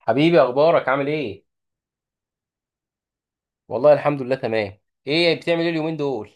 حبيبي، اخبارك عامل ايه؟ والله الحمد لله تمام. ايه بتعمل ايه اليومين دول؟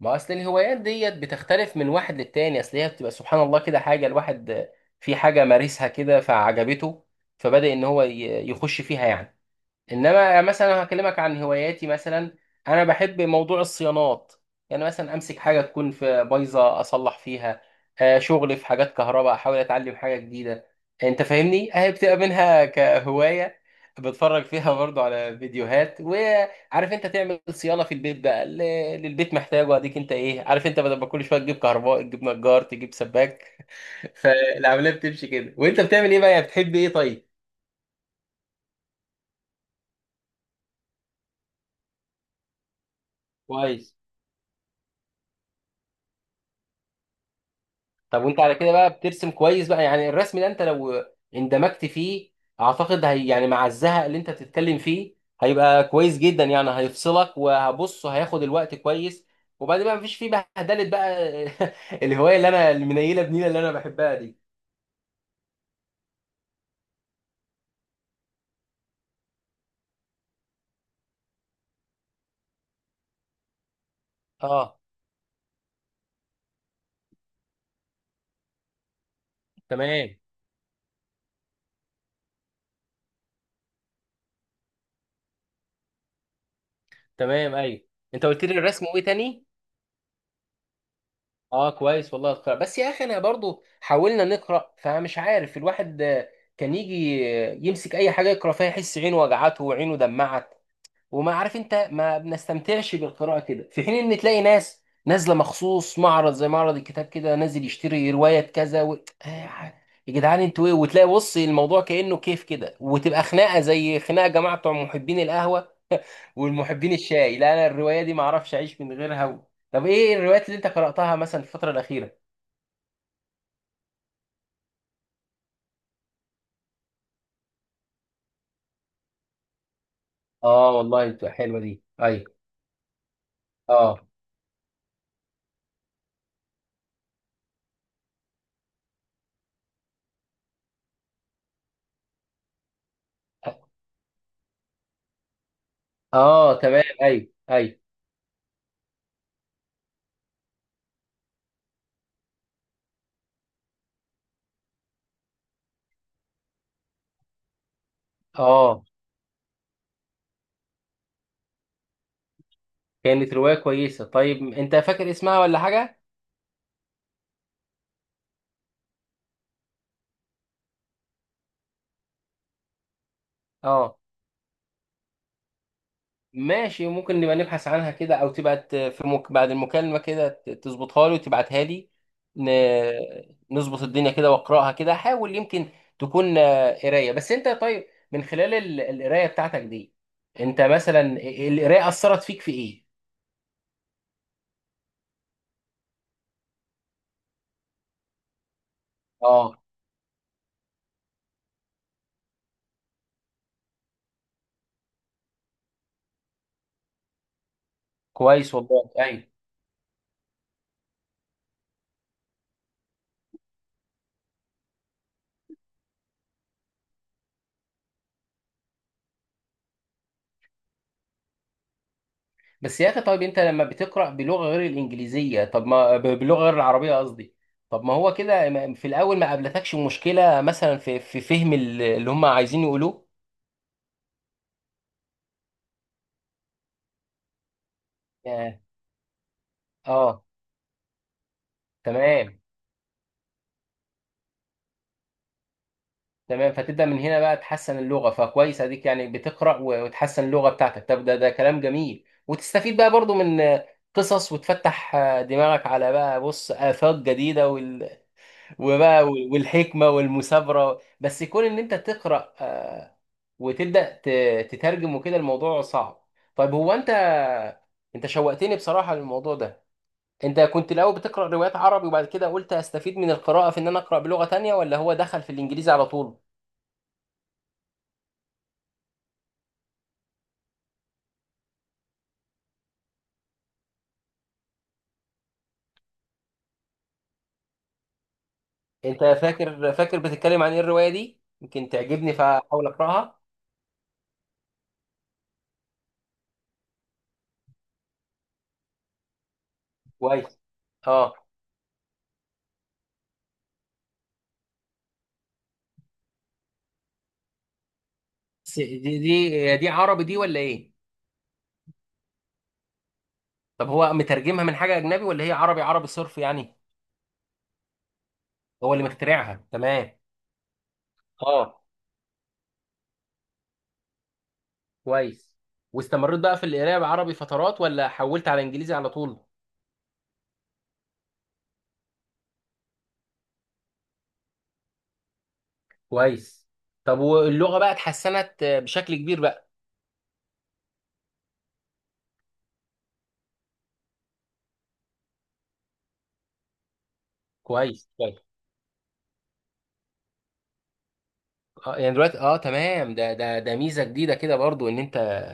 ما اصل الهوايات ديت بتختلف من واحد للتاني، اصل هي بتبقى سبحان الله كده حاجه الواحد في حاجه مارسها كده فعجبته، فبدأ ان هو يخش فيها يعني. انما مثلا لو هكلمك عن هواياتي مثلا، انا بحب موضوع الصيانات. يعني مثلا امسك حاجه تكون في بايظه اصلح فيها، شغل في حاجات كهرباء، احاول اتعلم حاجه جديده. انت فاهمني اهي بتبقى منها كهوايه، بتفرج فيها برضو على فيديوهات. وعارف انت تعمل صيانه في البيت بقى اللي البيت محتاجه، اديك انت ايه، عارف انت، بدل ما كل شويه تجيب كهرباء تجيب نجار تجيب سباك. فالعمليه بتمشي كده. وانت بتعمل ايه بقى يعني؟ بتحب ايه؟ طيب، كويس. طب وانت على كده بقى بترسم كويس بقى، يعني الرسم ده انت لو اندمجت فيه، اعتقد هي يعني مع الزهق اللي انت بتتكلم فيه، هيبقى كويس جدا. يعني هيفصلك وهبص هياخد الوقت كويس، وبعدين بقى مفيش فيه بهدله بقى. الهوايه اللي انا المنيله بنيله اللي انا بحبها دي. اه تمام. تمام، ايوه. انت قلت لي الرسم، وايه تاني؟ اه كويس. والله القراءة بس يا اخي، انا برضو حاولنا نقرا فمش عارف الواحد، كان يجي يمسك اي حاجه يقرا فيها يحس عينه وجعته وعينه دمعت. وما عارف انت، ما بنستمتعش بالقراءه كده، في حين ان تلاقي ناس نازله مخصوص معرض زي معرض الكتاب كده، نازل يشتري روايه كذا آه، يا جدعان انتوا ايه. وتلاقي بص الموضوع كانه كيف كده، وتبقى خناقه زي خناقه جماعه بتوع محبين القهوه والمحبين الشاي. لا انا الروايه دي ما اعرفش اعيش من غيرها طب ايه الروايات اللي انت قراتها مثلا في الفتره الاخيره؟ اه والله بتبقى حلوه دي، اي. اه اه تمام، اي اي. اه كانت روايه كويسه. طيب انت فاكر اسمها ولا حاجه؟ اه ماشي، ممكن نبقى نبحث عنها كده، او تبعت بعد المكالمة كده تظبطها لي وتبعتها لي. ن... نظبط الدنيا كده واقراها كده، حاول يمكن تكون قراية. بس انت طيب، من خلال القراية بتاعتك دي، انت مثلا القراية أثرت فيك في ايه؟ اه كويس والله، ايوه. بس يا اخي طيب، انت لما بتقرأ بلغة غير الانجليزية، طب ما بلغة غير العربية قصدي، طب ما هو كده في الاول ما قابلتكش مشكلة مثلا في في فهم اللي هم عايزين يقولوه؟ ياه. اه تمام، تمام. فتبدأ من هنا بقى تحسن اللغة، فكويس، اديك يعني بتقرأ وتحسن اللغة بتاعتك. طب ده ده كلام جميل، وتستفيد بقى برضو من قصص، وتفتح دماغك على بقى بص آفاق جديدة وبقى والحكمة والمثابرة. بس يكون ان انت تقرأ وتبدأ تترجم وكده الموضوع صعب. طيب هو انت، انت شوقتني بصراحة للموضوع ده. انت كنت الاول بتقرا روايات عربي، وبعد كده قلت هستفيد من القراءه في ان انا اقرا بلغه تانية، ولا هو دخل في الانجليزي على طول؟ انت فاكر، فاكر بتتكلم عن ايه الروايه دي؟ يمكن تعجبني فاحاول اقراها. كويس. اه دي دي عربي دي ولا ايه؟ طب هو مترجمها من حاجه اجنبي، ولا هي عربي عربي صرف يعني؟ هو اللي مخترعها، تمام. اه كويس. واستمريت بقى في القراءه بعربي فترات، ولا حولت على انجليزي على طول؟ كويس. طب واللغه بقى اتحسنت بشكل كبير بقى؟ كويس كويس. اه يعني دلوقتي، اه تمام. ده ميزه جديده كده برضو، ان انت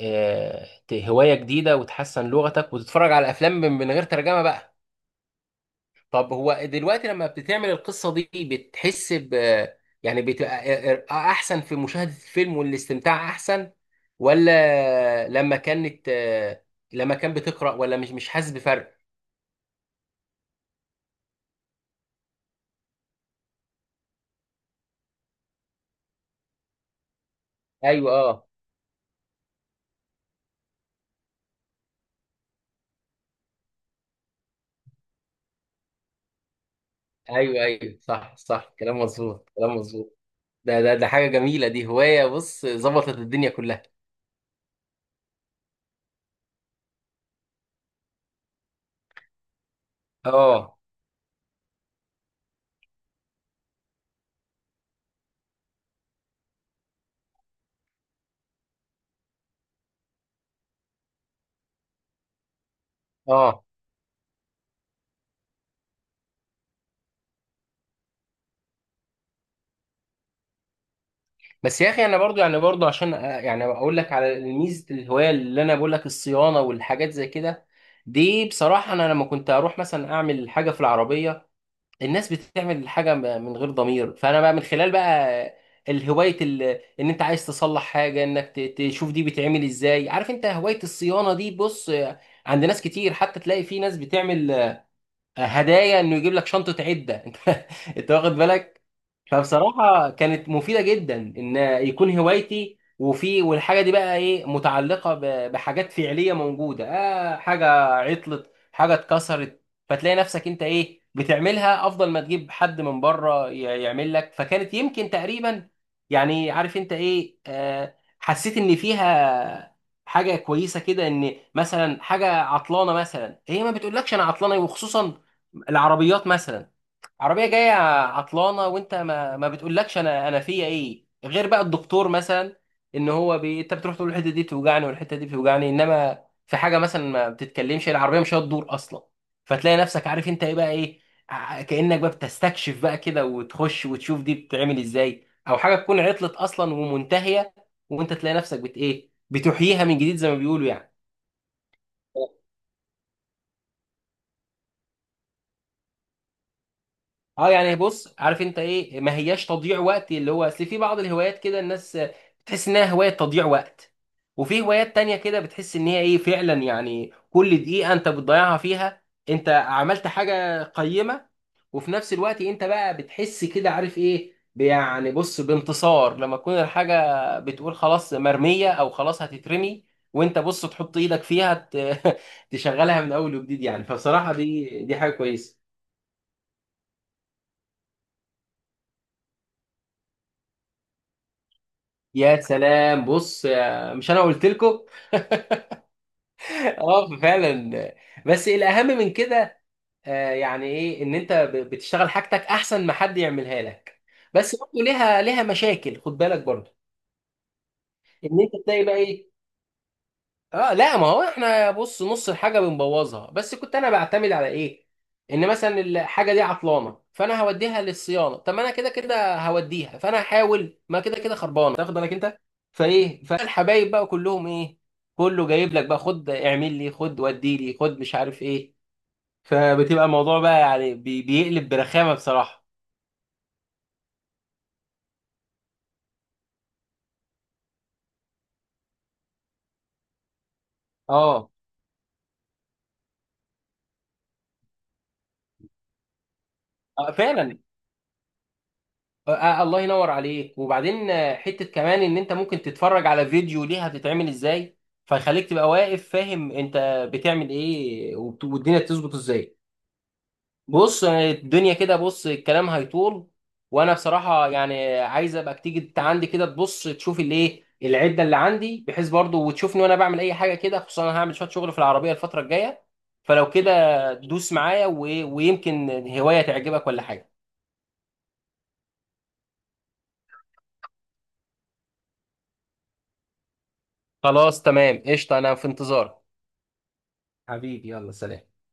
آه هوايه جديده وتحسن لغتك وتتفرج على افلام من من غير ترجمه بقى. طب هو دلوقتي لما بتعمل القصه دي بتحس ب، يعني بتبقى احسن في مشاهده الفيلم والاستمتاع احسن، ولا لما كانت آه لما كان بتقرا، ولا مش حاسس بفرق؟ ايوه اه. ايوه ايوه، صح صح، كلام مظبوط، كلام مظبوط. ده حاجه جميله، دي هوايه بص ظبطت الدنيا كلها. اه اه. بس يا اخي انا برضو يعني برضو عشان يعني اقول لك على ميزه الهوايه اللي انا بقول لك، الصيانه والحاجات زي كده. دي بصراحه انا لما كنت اروح مثلا اعمل حاجه في العربيه، الناس بتعمل الحاجه من غير ضمير. فانا بقى من خلال بقى الهوايه ال- ان انت عايز تصلح حاجه، انك تشوف دي بتعمل ازاي. عارف انت هوايه الصيانه دي بص عند ناس كتير، حتى تلاقي في ناس بتعمل هدايا انه يجيب لك شنطه عده. انت، انت واخد بالك؟ فبصراحة كانت مفيدة جدا، ان يكون هوايتي. وفي والحاجة دي بقى ايه متعلقة بحاجات فعلية موجودة، آه حاجة عطلت، حاجة اتكسرت، فتلاقي نفسك انت ايه بتعملها افضل ما تجيب حد من بره يعمل لك. فكانت يمكن تقريبا يعني عارف انت ايه، آه حسيت ان فيها حاجة كويسة كده. ان مثلا حاجة عطلانة مثلا، هي ما بتقولكش انا عطلانة، وخصوصا العربيات مثلا، عربيه جايه عطلانه، وانت ما بتقولكش انا فيا ايه، غير بقى الدكتور مثلا، ان هو انت بتروح تقول الحته دي بتوجعني والحته دي بتوجعني. انما في حاجه مثلا ما بتتكلمش، العربيه مش هتدور اصلا. فتلاقي نفسك عارف انت ايه بقى ايه، كانك بقى بتستكشف بقى كده، وتخش وتشوف دي بتتعمل ازاي، او حاجه تكون عطلت اصلا ومنتهيه وانت تلاقي نفسك بت ايه بتحييها من جديد، زي ما بيقولوا يعني. اه يعني بص عارف انت ايه، ما هياش تضييع وقت. اللي هو اصل في بعض الهوايات كده الناس بتحس انها هواية تضييع وقت، وفي هوايات تانية كده بتحس ان هي ايه فعلا، يعني كل دقيقة انت بتضيعها فيها انت عملت حاجة قيمة. وفي نفس الوقت انت بقى بتحس كده عارف ايه يعني بص بانتصار، لما تكون الحاجة بتقول خلاص مرمية او خلاص هتترمي، وانت بص تحط ايدك فيها تشغلها من اول وجديد يعني. فبصراحة دي حاجة كويسة. يا سلام، بص مش انا قلت لكم؟ اه فعلا. بس الاهم من كده يعني ايه، ان انت بتشتغل حاجتك احسن ما حد يعملها لك. بس برضه ليها مشاكل، خد بالك برضه، ان انت تلاقي بقى ايه. اه لا، ما هو احنا بص نص الحاجه بنبوظها. بس كنت انا بعتمد على ايه، ان مثلا الحاجه دي عطلانه، فانا هوديها للصيانه، طب ما انا كده كده هوديها، فانا هحاول ما كده كده خربانه، تاخد بالك انت؟ فايه، فالحبايب بقى كلهم ايه، كله جايب لك بقى، خد اعمل لي، خد ودي لي، خد مش عارف ايه. فبتبقى الموضوع بقى يعني بيقلب برخامه بصراحه. اه آه، فعلا. آه، آه، الله ينور عليك. وبعدين آه، حتة كمان ان انت ممكن تتفرج على فيديو ليها بتتعمل ازاي، فيخليك تبقى واقف فاهم انت بتعمل ايه، والدنيا تظبط ازاي. بص آه، الدنيا كده بص الكلام هيطول. وانا بصراحة يعني عايز ابقى تيجي انت عندي كده، تبص تشوف الايه العدة اللي عندي، بحيث برضو وتشوفني وانا بعمل اي حاجة كده، خصوصا انا هعمل شوية شغل في العربية الفترة الجاية. فلو كده دوس معايا ويمكن هواية تعجبك ولا حاجة. خلاص تمام قشطة، انا في انتظارك. حبيبي يلا سلام.